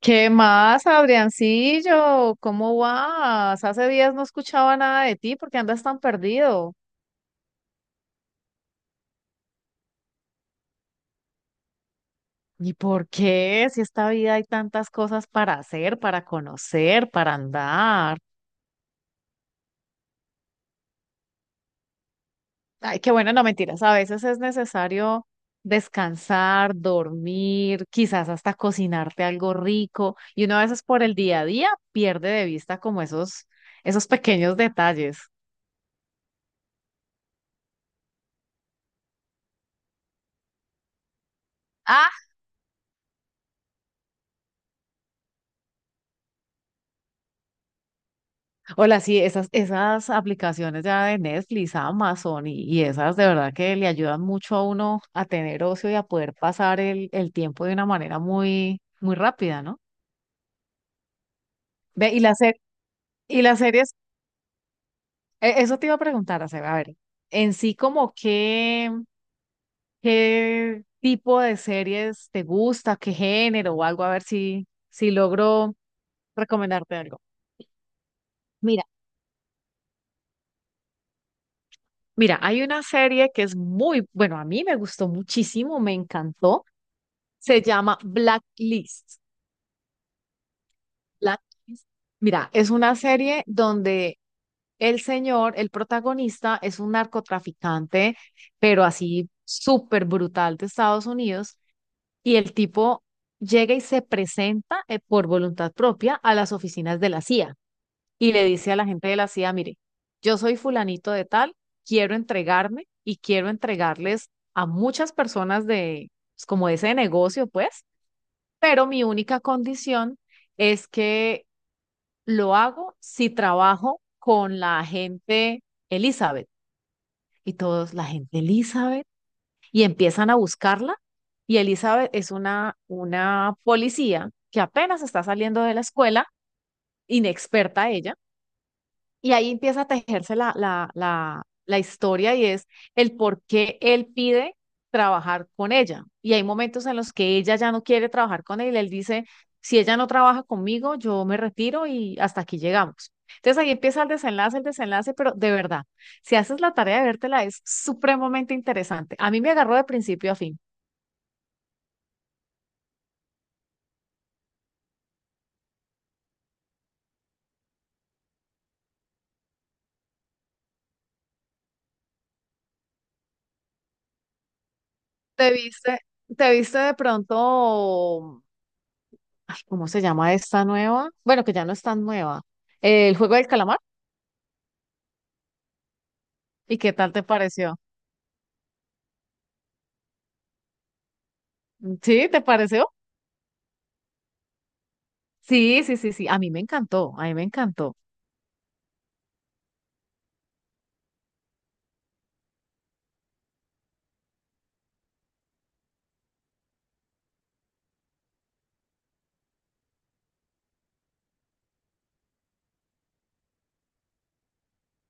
¿Qué más, Adriancillo? ¿Cómo vas? Hace días no escuchaba nada de ti, ¿por qué andas tan perdido? ¿Y por qué? Si esta vida hay tantas cosas para hacer, para conocer, para andar. Ay, qué bueno, no mentiras, a veces es necesario descansar, dormir, quizás hasta cocinarte algo rico, y uno a veces por el día a día pierde de vista como esos pequeños detalles. Hola, sí, esas aplicaciones ya de Netflix, Amazon y esas de verdad que le ayudan mucho a uno a tener ocio y a poder pasar el tiempo de una manera muy, muy rápida, ¿no? Ve, y las, se- Y las series, eso te iba a preguntar, Aceba, a ver, en sí como qué, qué tipo de series te gusta, qué género o algo, a ver si, si logro recomendarte algo. Mira, mira, hay una serie que es muy, bueno, a mí me gustó muchísimo, me encantó. Se llama Blacklist. Blacklist. Mira, es una serie donde el señor, el protagonista, es un narcotraficante, pero así súper brutal de Estados Unidos, y el tipo llega y se presenta por voluntad propia a las oficinas de la CIA y le dice a la gente de la CIA, mire, yo soy fulanito de tal, quiero entregarme y quiero entregarles a muchas personas de, pues, como de ese negocio, pues pero mi única condición es que lo hago si trabajo con la gente Elizabeth. Y todos, la gente Elizabeth, y empiezan a buscarla. Y Elizabeth es una policía que apenas está saliendo de la escuela, inexperta ella. Y ahí empieza a tejerse la historia y es el por qué él pide trabajar con ella. Y hay momentos en los que ella ya no quiere trabajar con él. Él dice, si ella no trabaja conmigo, yo me retiro y hasta aquí llegamos. Entonces ahí empieza el desenlace, pero de verdad, si haces la tarea de vértela, es supremamente interesante. A mí me agarró de principio a fin. ¿Te viste, te viste de pronto, ay, cómo se llama esta nueva? Bueno, que ya no es tan nueva. El juego del calamar. ¿Y qué tal te pareció? ¿Sí? ¿Te pareció? Sí, sí, sí, sí. A mí me encantó, a mí me encantó.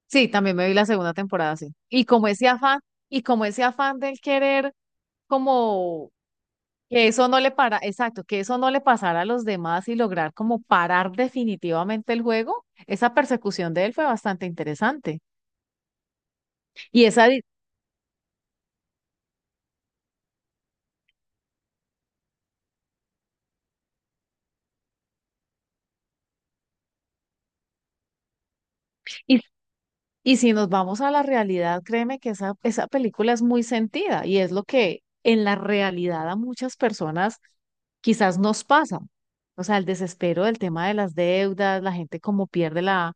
Sí, también me vi la segunda temporada, sí. Y como ese afán, y como ese afán del querer, como que eso no le para, exacto, que eso no le pasara a los demás y lograr como parar definitivamente el juego, esa persecución de él fue bastante interesante. Y esa, di- y y si nos vamos a la realidad, créeme que esa película es muy sentida y es lo que en la realidad a muchas personas quizás nos pasa. O sea, el desespero del tema de las deudas, la gente como pierde la,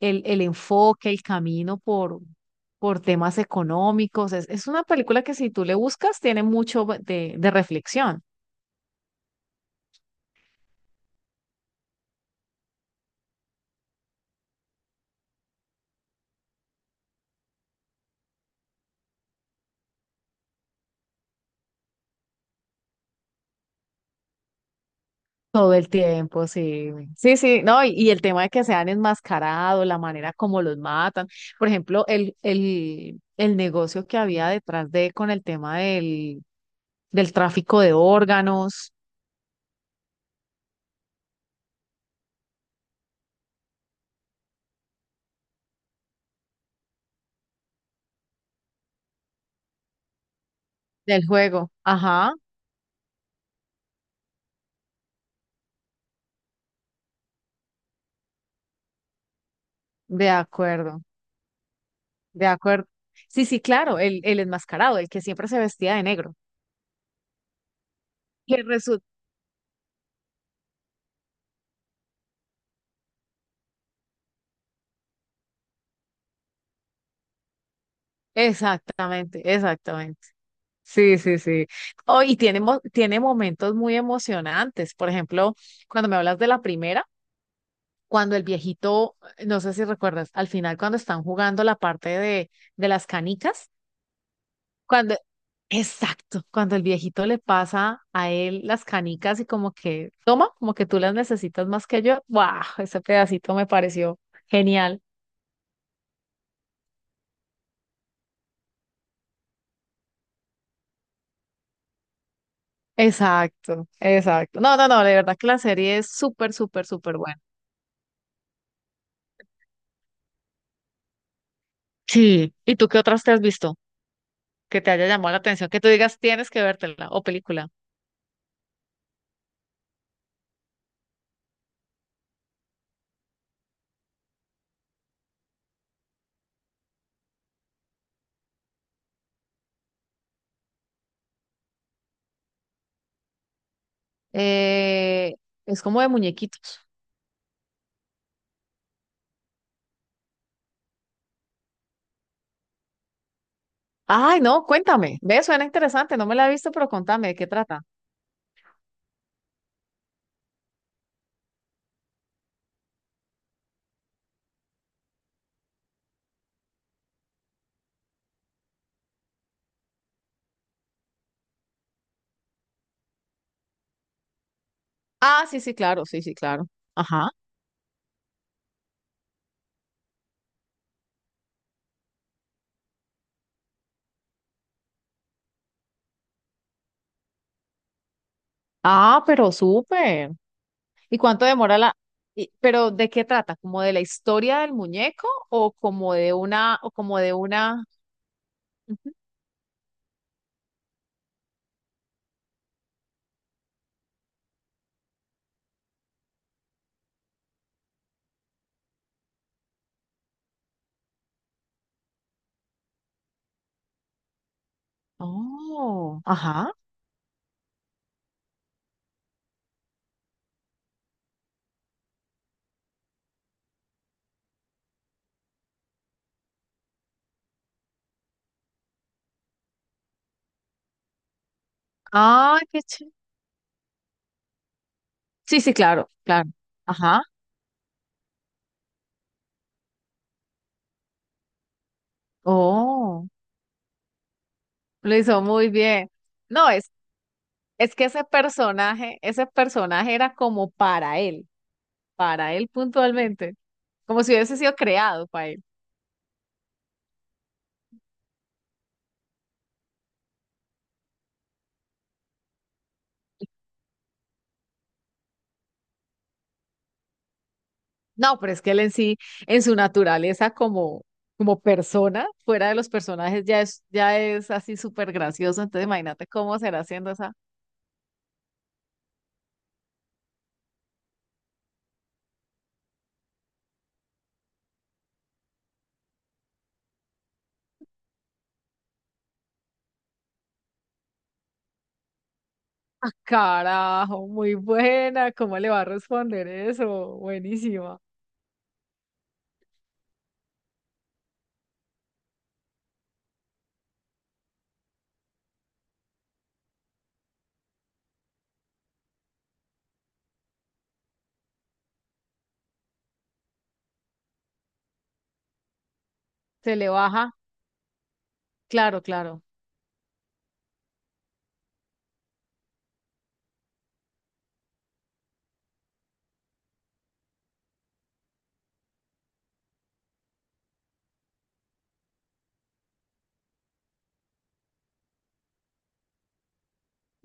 el enfoque, el camino por temas económicos. Es una película que si tú le buscas tiene mucho de reflexión. Todo el tiempo, sí. Sí, sí, no, y el tema de que sean enmascarados, la manera como los matan. Por ejemplo, el negocio que había detrás de con el tema del tráfico de órganos, del juego. Ajá, de acuerdo, de acuerdo. Sí, sí, claro, el enmascarado, el que siempre se vestía de negro. Que resu- Exactamente, exactamente. Sí, sí, sí. Oh, y tiene, tiene momentos muy emocionantes. Por ejemplo, cuando me hablas de la primera. Cuando el viejito, no sé si recuerdas, al final cuando están jugando la parte de las canicas, cuando, exacto, cuando el viejito le pasa a él las canicas y como que, toma, como que tú las necesitas más que yo, ¡guau! Ese pedacito me pareció genial. Exacto, exacto. No, no, no, de verdad que la serie es súper, súper, súper buena. Sí, ¿y tú qué otras te has visto que te haya llamado la atención? Que tú digas, tienes que vértela o película. Eh, es como de muñequitos. Ay, no, cuéntame. Ve, suena interesante. No me la he visto, pero contame, ¿de qué trata? Ah, sí, sí, claro, sí, sí, claro. Ajá. Ah, pero súper. ¿Y cuánto demora la... pero ¿de qué trata? ¿Como de la historia del muñeco o como de una, o como de una... Ujú. Oh, ajá. Ah, qué chévere. Sí, sí, claro, claro. Ajá. Oh, lo hizo muy bien. No, es que ese personaje era como para él puntualmente. Como si hubiese sido creado para él. No, pero es que él en sí, en su naturaleza como, como persona, fuera de los personajes, ya es así súper gracioso. Entonces imagínate cómo será haciendo esa, ah, carajo, muy buena, cómo le va a responder eso, buenísima. Se le baja, claro, claro.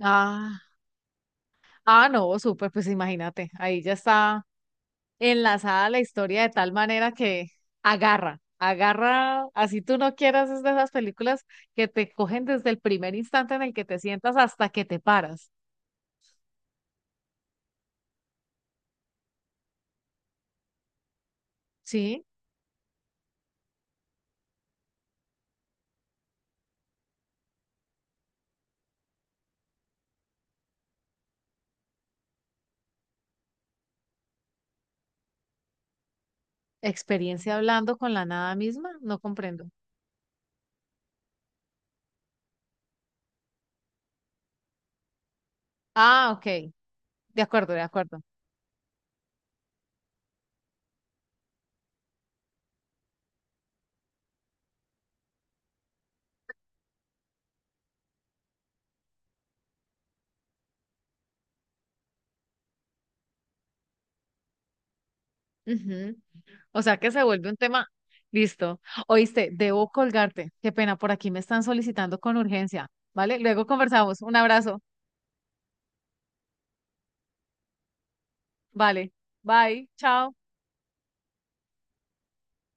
Ah, ah, no, súper, pues imagínate, ahí ya está enlazada a la historia de tal manera que agarra, agarra, así tú no quieras, es de esas películas que te cogen desde el primer instante en el que te sientas hasta que te paras, ¿sí? Experiencia hablando con la nada misma, no comprendo. Ah, ok, de acuerdo, de acuerdo. Ujú. O sea que se vuelve un tema, listo. Oíste, debo colgarte, qué pena, por aquí me están solicitando con urgencia, ¿vale? Luego conversamos, un abrazo, vale, bye, chao.